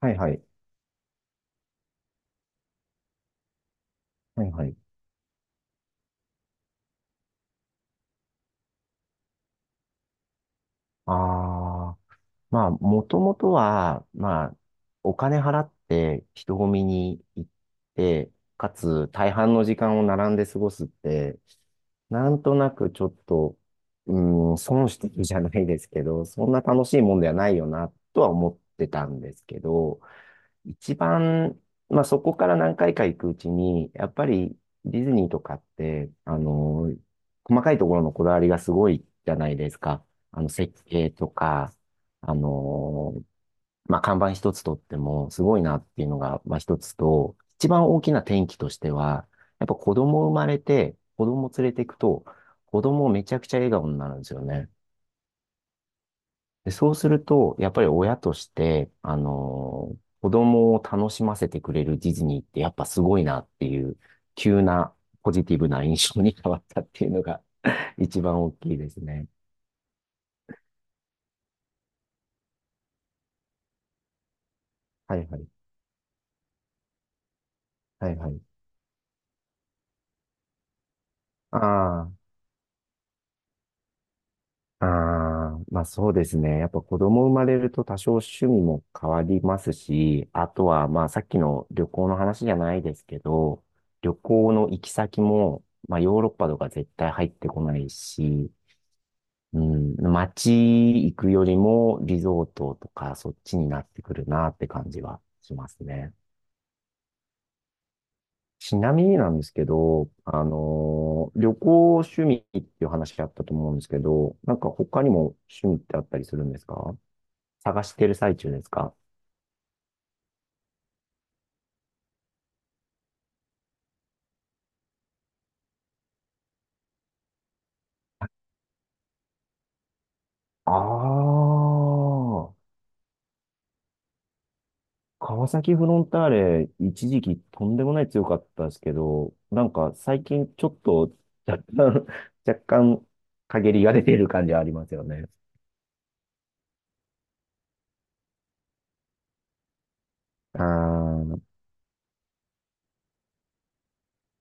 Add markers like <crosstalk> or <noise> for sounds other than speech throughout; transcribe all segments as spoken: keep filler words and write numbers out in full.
はいはい。はいはい。ああ、まあ、もともとは、まあ、お金払って人混みに行って、かつ大半の時間を並んで過ごすって、なんとなくちょっと、うーん、損してるじゃないですけど、そんな楽しいもんではないよな、とは思ってたんですけど、一番、まあ、そこから何回か行くうちに、やっぱりディズニーとかって、あの、細かいところのこだわりがすごいじゃないですか。あの、設計とか、あの、まあ、看板一つとってもすごいなっていうのが、まあ、一つと、一番大きな転機としては、やっぱ子供生まれて、子供連れていくと、子供めちゃくちゃ笑顔になるんですよね。で、そうすると、やっぱり親として、あのー子供を楽しませてくれるディズニーってやっぱすごいなっていう、急なポジティブな印象に変わったっていうのが、 <laughs> 一番大きいですね。はいはい。はいはい。ああ、ああ、まあそうですね。やっぱ子供生まれると多少趣味も変わりますし、あとはまあさっきの旅行の話じゃないですけど、旅行の行き先も、まあヨーロッパとか絶対入ってこないし、うん、街行くよりもリゾートとかそっちになってくるなって感じはしますね。ちなみになんですけど、あのー旅行趣味っていう話あったと思うんですけど、なんか他にも趣味ってあったりするんですか？探してる最中ですか？ああ、川崎フロンターレ一時期とんでもない強かったですけど、なんか最近ちょっと若干、<laughs> 若干陰りが出てる感じはありますよね。あー、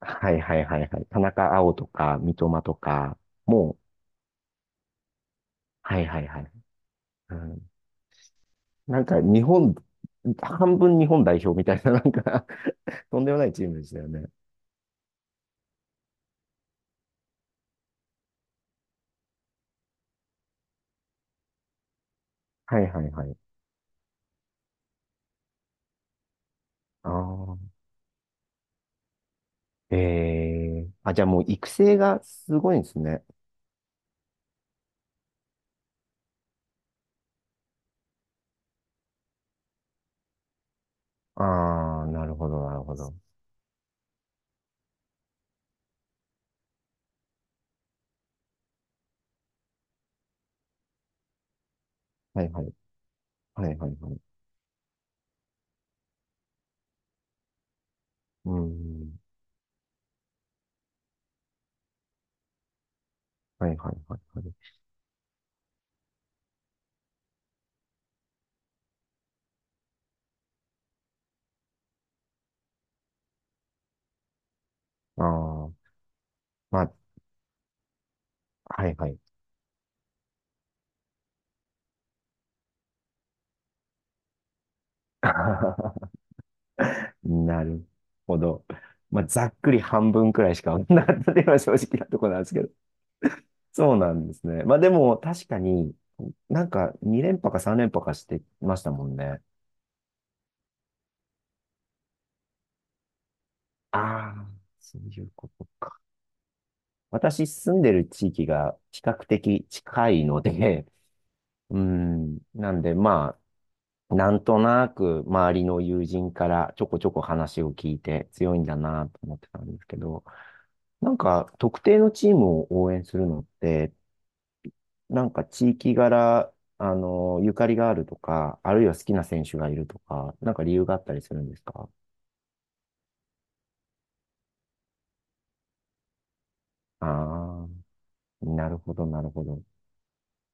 はいはいはいはい。田中碧とか、三笘とか、もう、はいはいはい。うん、なんか日本、半分日本代表みたいな、<laughs> なんか、 <laughs> とんでもないチームでしたよね。はいはいはい。ああ、ええ、あ、じゃあもう育成がすごいんですね。ああ、なるほどなるほど。はいはい。はいはいはい。うん。はいはいはいはい。ああ、まあ、はいはい。<laughs> なるほど。まあ、ざっくり半分くらいしか分かん、 <laughs> なかったっていうのは正直なところなんですけど。そうなんですね。まあでも確かになんかに連覇かさん連覇かしてましたもんね。ああ、そういうことか。私住んでる地域が比較的近いので、<laughs> うん、なんでまあ、なんとなく周りの友人からちょこちょこ話を聞いて強いんだなと思ってたんですけど、なんか特定のチームを応援するのってなんか地域柄、あの、ゆかりがあるとか、あるいは好きな選手がいるとか、なんか理由があったりするんですか？ああー、なるほど、なるほど。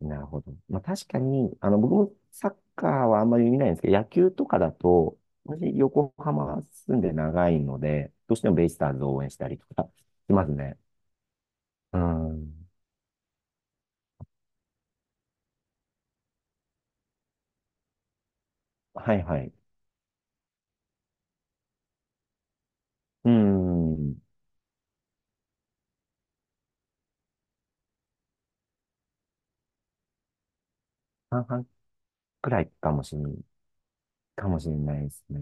なるほど。まあ確かに、あの、僕もサッカーはあんまり見ないんですけど、野球とかだと、私、横浜住んで長いので、どうしてもベイスターズを応援したりとか、 <laughs> しますね。うん。はいはい。うん。半々くらいかもしれない、かもしれないですね。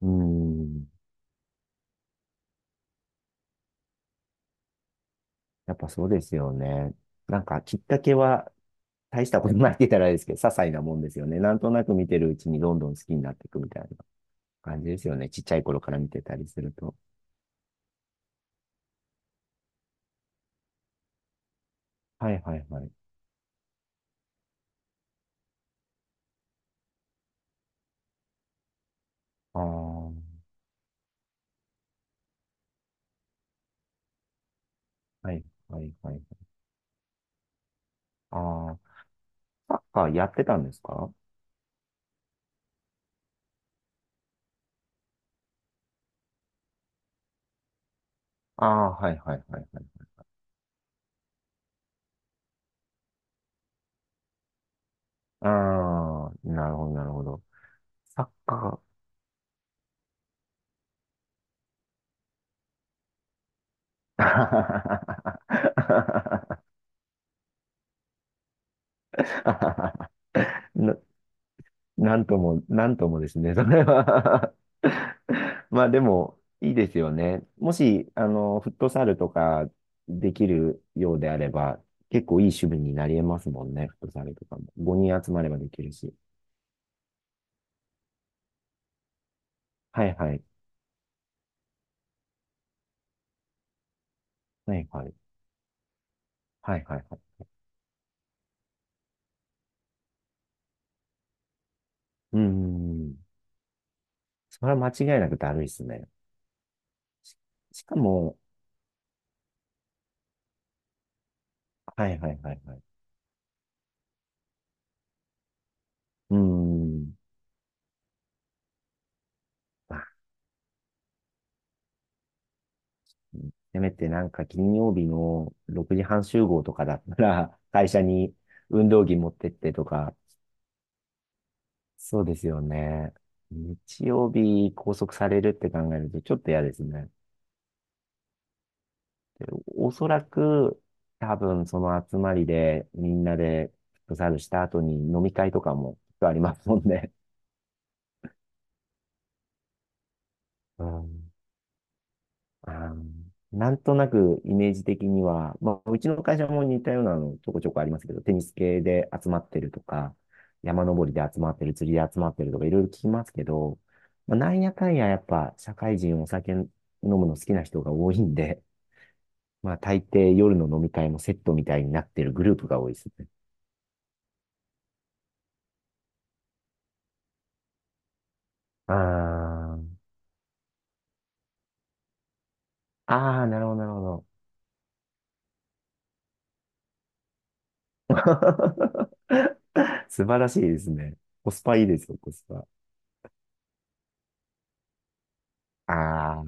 うん。やっぱそうですよね。なんかきっかけは大したことないって言ったらあれですけど、些細なもんですよね。なんとなく見てるうちにどんどん好きになっていくみたいな感じですよね。ちっちゃい頃から見てたりすると。はいはいはい。ああ、はいはいはい。ああ、サッカーやってたんですか？ああ、はいはいはいはい。ああ、なるほどなるほど。サッカー。<laughs> ななんとも、<laughs> なんともですね、それは。 <laughs> まあでも、いいですよね。もし、あの、フットサルとかできるようであれば、結構いい趣味になり得ますもんね、フットサルとかも。ごにん集まればできるし。はいはい。はいはい。はいはいはい。うーん。それは間違いなくだるいっすね。しかも、はいはいはいはい。うーん。ま、せめてなんか金曜日のろくじはん集合とかだったら、<laughs> 会社に運動着持ってってとか、そうですよね。日曜日拘束されるって考えるとちょっと嫌ですね。で、おそらく、多分その集まりでみんなでフットサルした後に飲み会とかもきっとありますもんね。うん、あー、なんとなくイメージ的には、まあ、うちの会社も似たようなのちょこちょこありますけど、テニス系で集まってるとか、山登りで集まってる、釣りで集まってるとか、いろいろ聞きますけど、まあ、なんやかんややっぱ社会人お酒飲むの好きな人が多いんで、まあ大抵夜の飲み会もセットみたいになってるグループが多いですね。あー、あー、なるほど、なるほど。<laughs> 素晴らしいですね。コスパいいですよ、コスパ。ああ、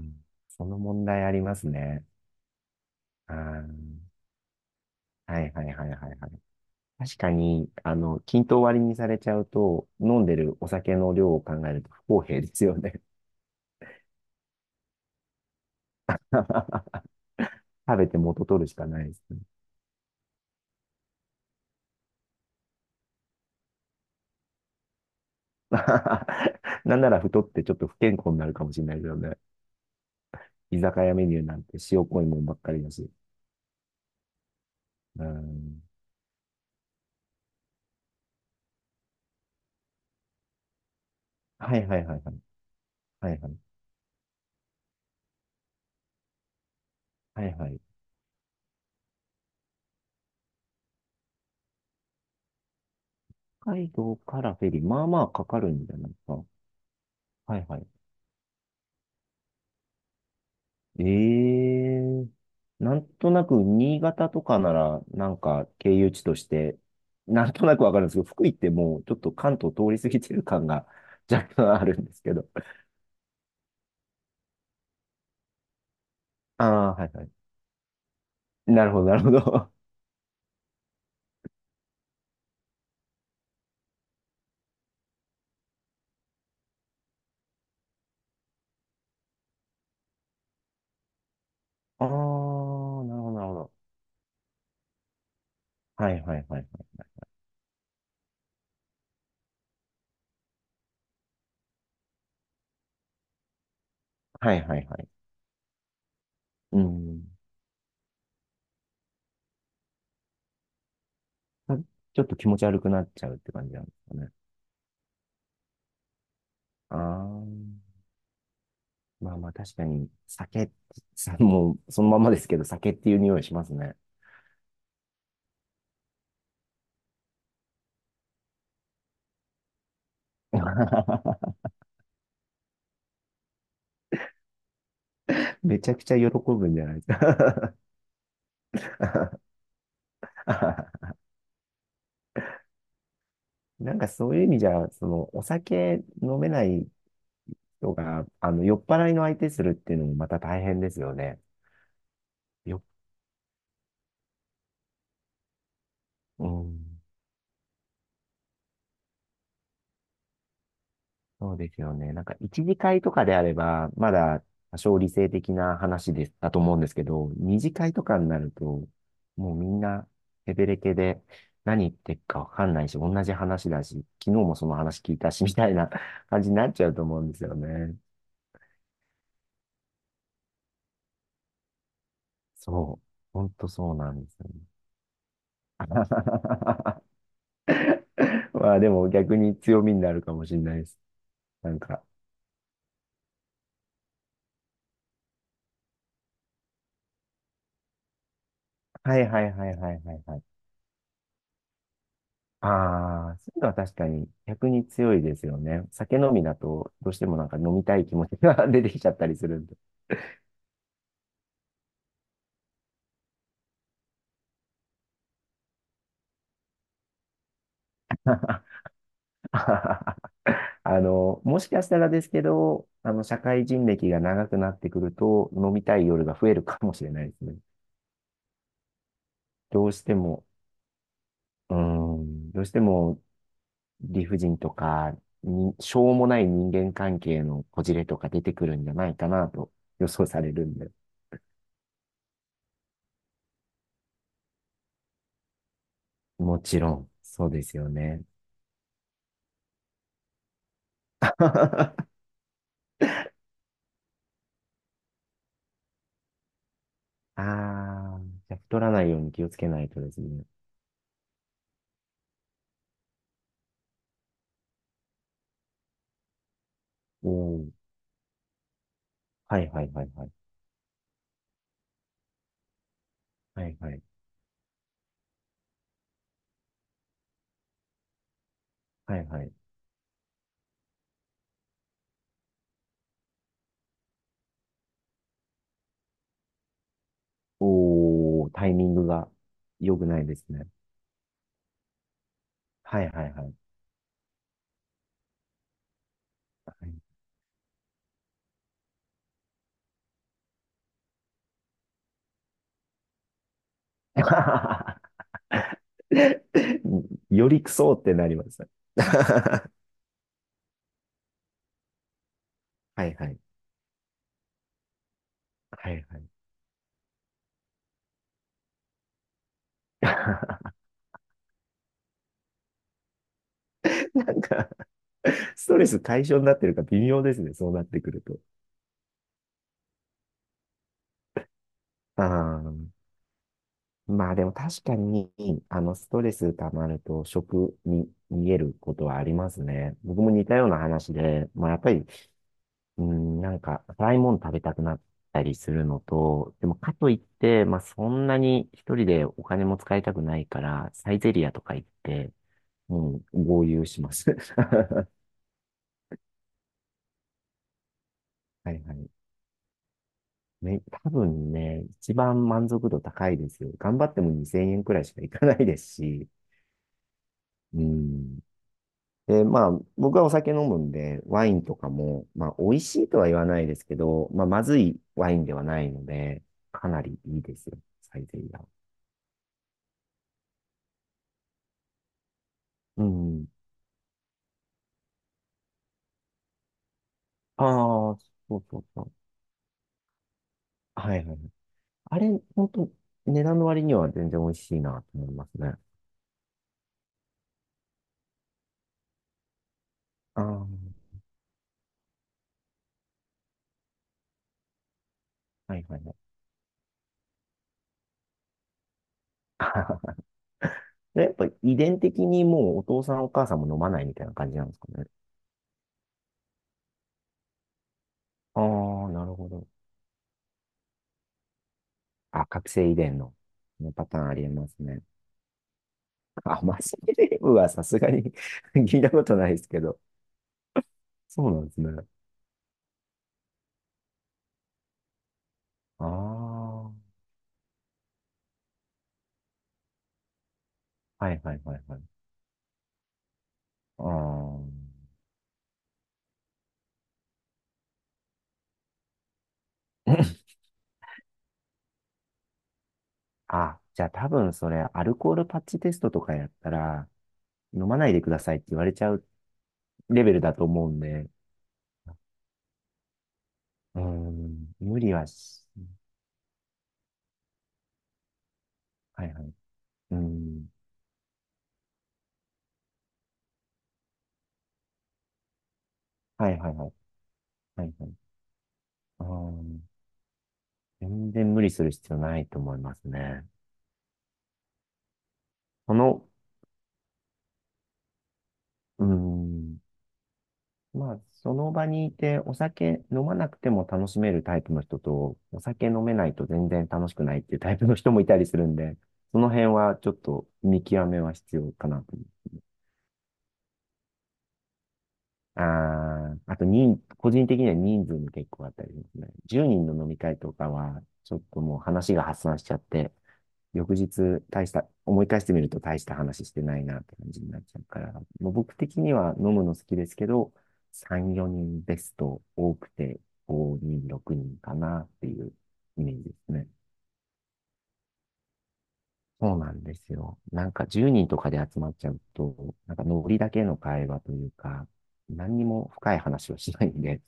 その問題ありますね。ああ、はいはいはいはいはい。確かに、あの、均等割りにされちゃうと、飲んでるお酒の量を考えると不公平ですよね。<laughs> 食べて元取るしかないですね。<laughs> なんなら太ってちょっと不健康になるかもしれないですよね。居酒屋メニューなんて塩濃いもんばっかりだし。うん。はいはいはいはい。はいはい。はいはい。北海道からフェリー、まあまあかかるんじゃないですか。はいはい。ええ、なんとなく新潟とかなら、なんか経由地として、なんとなくわかるんですけど、福井ってもうちょっと関東通り過ぎてる感が若干あるんですけど。ああ、はいはい。なるほど、なるほど。<laughs> ああ、なるほど、なるほど。はいはいはい。はいはいはい。うん。まちょっと気持ち悪くなっちゃうって感じなんですかね。ああ、まあまあ確かに、酒、さもうそのままですけど、酒っていう匂いしますね。<laughs> めちゃくちゃ喜ぶんじゃないですか？ <laughs> なんかそういう意味じゃ、その、お酒飲めない人が、あの、酔っ払いの相手するっていうのもまた大変ですよね。よ、うん、そうですよね。なんか一次会とかであれば、まだ多少理性的な話です、だと思うんですけど、二次会とかになると、もうみんな、ヘベレケで、何言ってっかわかんないし、同じ話だし、昨日もその話聞いたし、みたいな感じになっちゃうと思うんですよね。そう。ほんとそうなんですよね。<laughs> まあでも逆に強みになるかもしれないです。なんか、はいはいはいはいはいはい。ああ、そういうのは確かに逆に強いですよね。酒飲みだとどうしてもなんか飲みたい気持ちが、 <laughs> 出てきちゃったりするんで。<laughs> あの、もしかしたらですけど、あの、社会人歴が長くなってくると飲みたい夜が増えるかもしれないですね。どうしても、うーん、どうしても理不尽とか、に、しょうもない人間関係のこじれとか出てくるんじゃないかなと予想されるんで。もちろん、そうですよね。<laughs> ああ、じゃあ太らないように気をつけないとですね。おー、はいはいはいはい。はいはい。はいはい。おー、タイミングが良くないですね。はいはいはい。はい、 <laughs> よりクソってなりますね。 <laughs> はいはい。はいはい。<laughs> なんか <laughs> ストレス対象になってるか微妙ですね、そうなってくると。あー、まあでも確かに、あの、ストレス溜まると食に逃げることはありますね。僕も似たような話で、まあやっぱり、うん、なんか、辛いもの食べたくなったりするのと、でもかといって、まあそんなに一人でお金も使いたくないから、サイゼリアとか行って、うん、豪遊します。<laughs> はいはい。め、多分ね、一番満足度高いですよ。頑張ってもにせんえんくらいしかいかないですし。うん。で、まあ、僕はお酒飲むんで、ワインとかも、まあ、美味しいとは言わないですけど、まあ、まずいワインではないので、かなりいいですよ。サイゼリヤ。うん。ああ、そうそうそう。はいはい。あれ、本当、値段の割には全然美味しいなと思いますね。ああ、はいはいはい。<laughs> やっぱ遺伝的にもうお父さんお母さんも飲まないみたいな感じなんですかね。ああ、なるほど。あ、覚醒遺伝の、このパターンありえますね。あ、マスキレームは <laughs> さすがに <laughs> 聞いたことないですけど。そうなんですね。ああ、はいはいはいはい。ああ、<clears throat> あ、じゃあ多分それ、アルコールパッチテストとかやったら、飲まないでくださいって言われちゃうレベルだと思うんで、うーん、無理はし、はいはい。うーん、はいはいはい。はいはい。あー、全然無理する必要ないと思いますね。そのうーん。まあ、その場にいて、お酒飲まなくても楽しめるタイプの人と、お酒飲めないと全然楽しくないっていうタイプの人もいたりするんで、その辺はちょっと見極めは必要かなと思う。ああ、あと人、個人的には人数も結構あったりしますね。じゅうにんの飲み会とかは、ちょっともう話が発散しちゃって、翌日大した、思い返してみると大した話してないなって感じになっちゃうから、もう僕的には飲むの好きですけど、さん、よにんベスト、多くてごにん、ろくにんかなっていうイメージですね。そうなんですよ。なんかじゅうにんとかで集まっちゃうと、なんかノリだけの会話というか、何にも深い話をしないんで、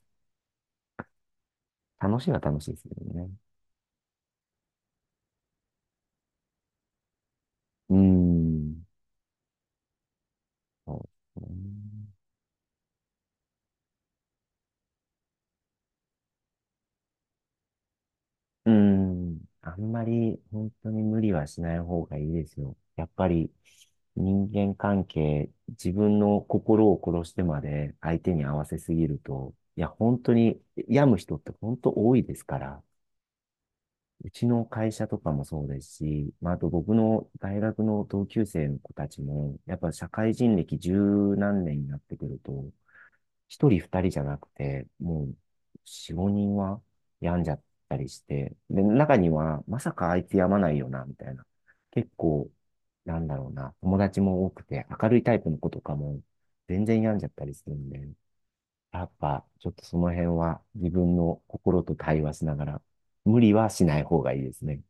楽しいは楽しいですけどね。うーん。そうですね。うーん、あんまり本当に無理はしない方がいいですよ。やっぱり人間関係、自分の心を殺してまで相手に合わせすぎると、いや、本当に病む人って本当多いですから、うちの会社とかもそうですし、まあ、あと僕の大学の同級生の子たちも、やっぱ社会人歴十何年になってくると、一人二人じゃなくて、もう、四五人は病んじゃったりして、で、中には、まさかあいつ病まないよな、みたいな。結構、なんだろうな、友達も多くて、明るいタイプの子とかも、全然病んじゃったりするんで、やっぱ、ちょっとその辺は、自分の心と対話しながら、無理はしない方がいいですね。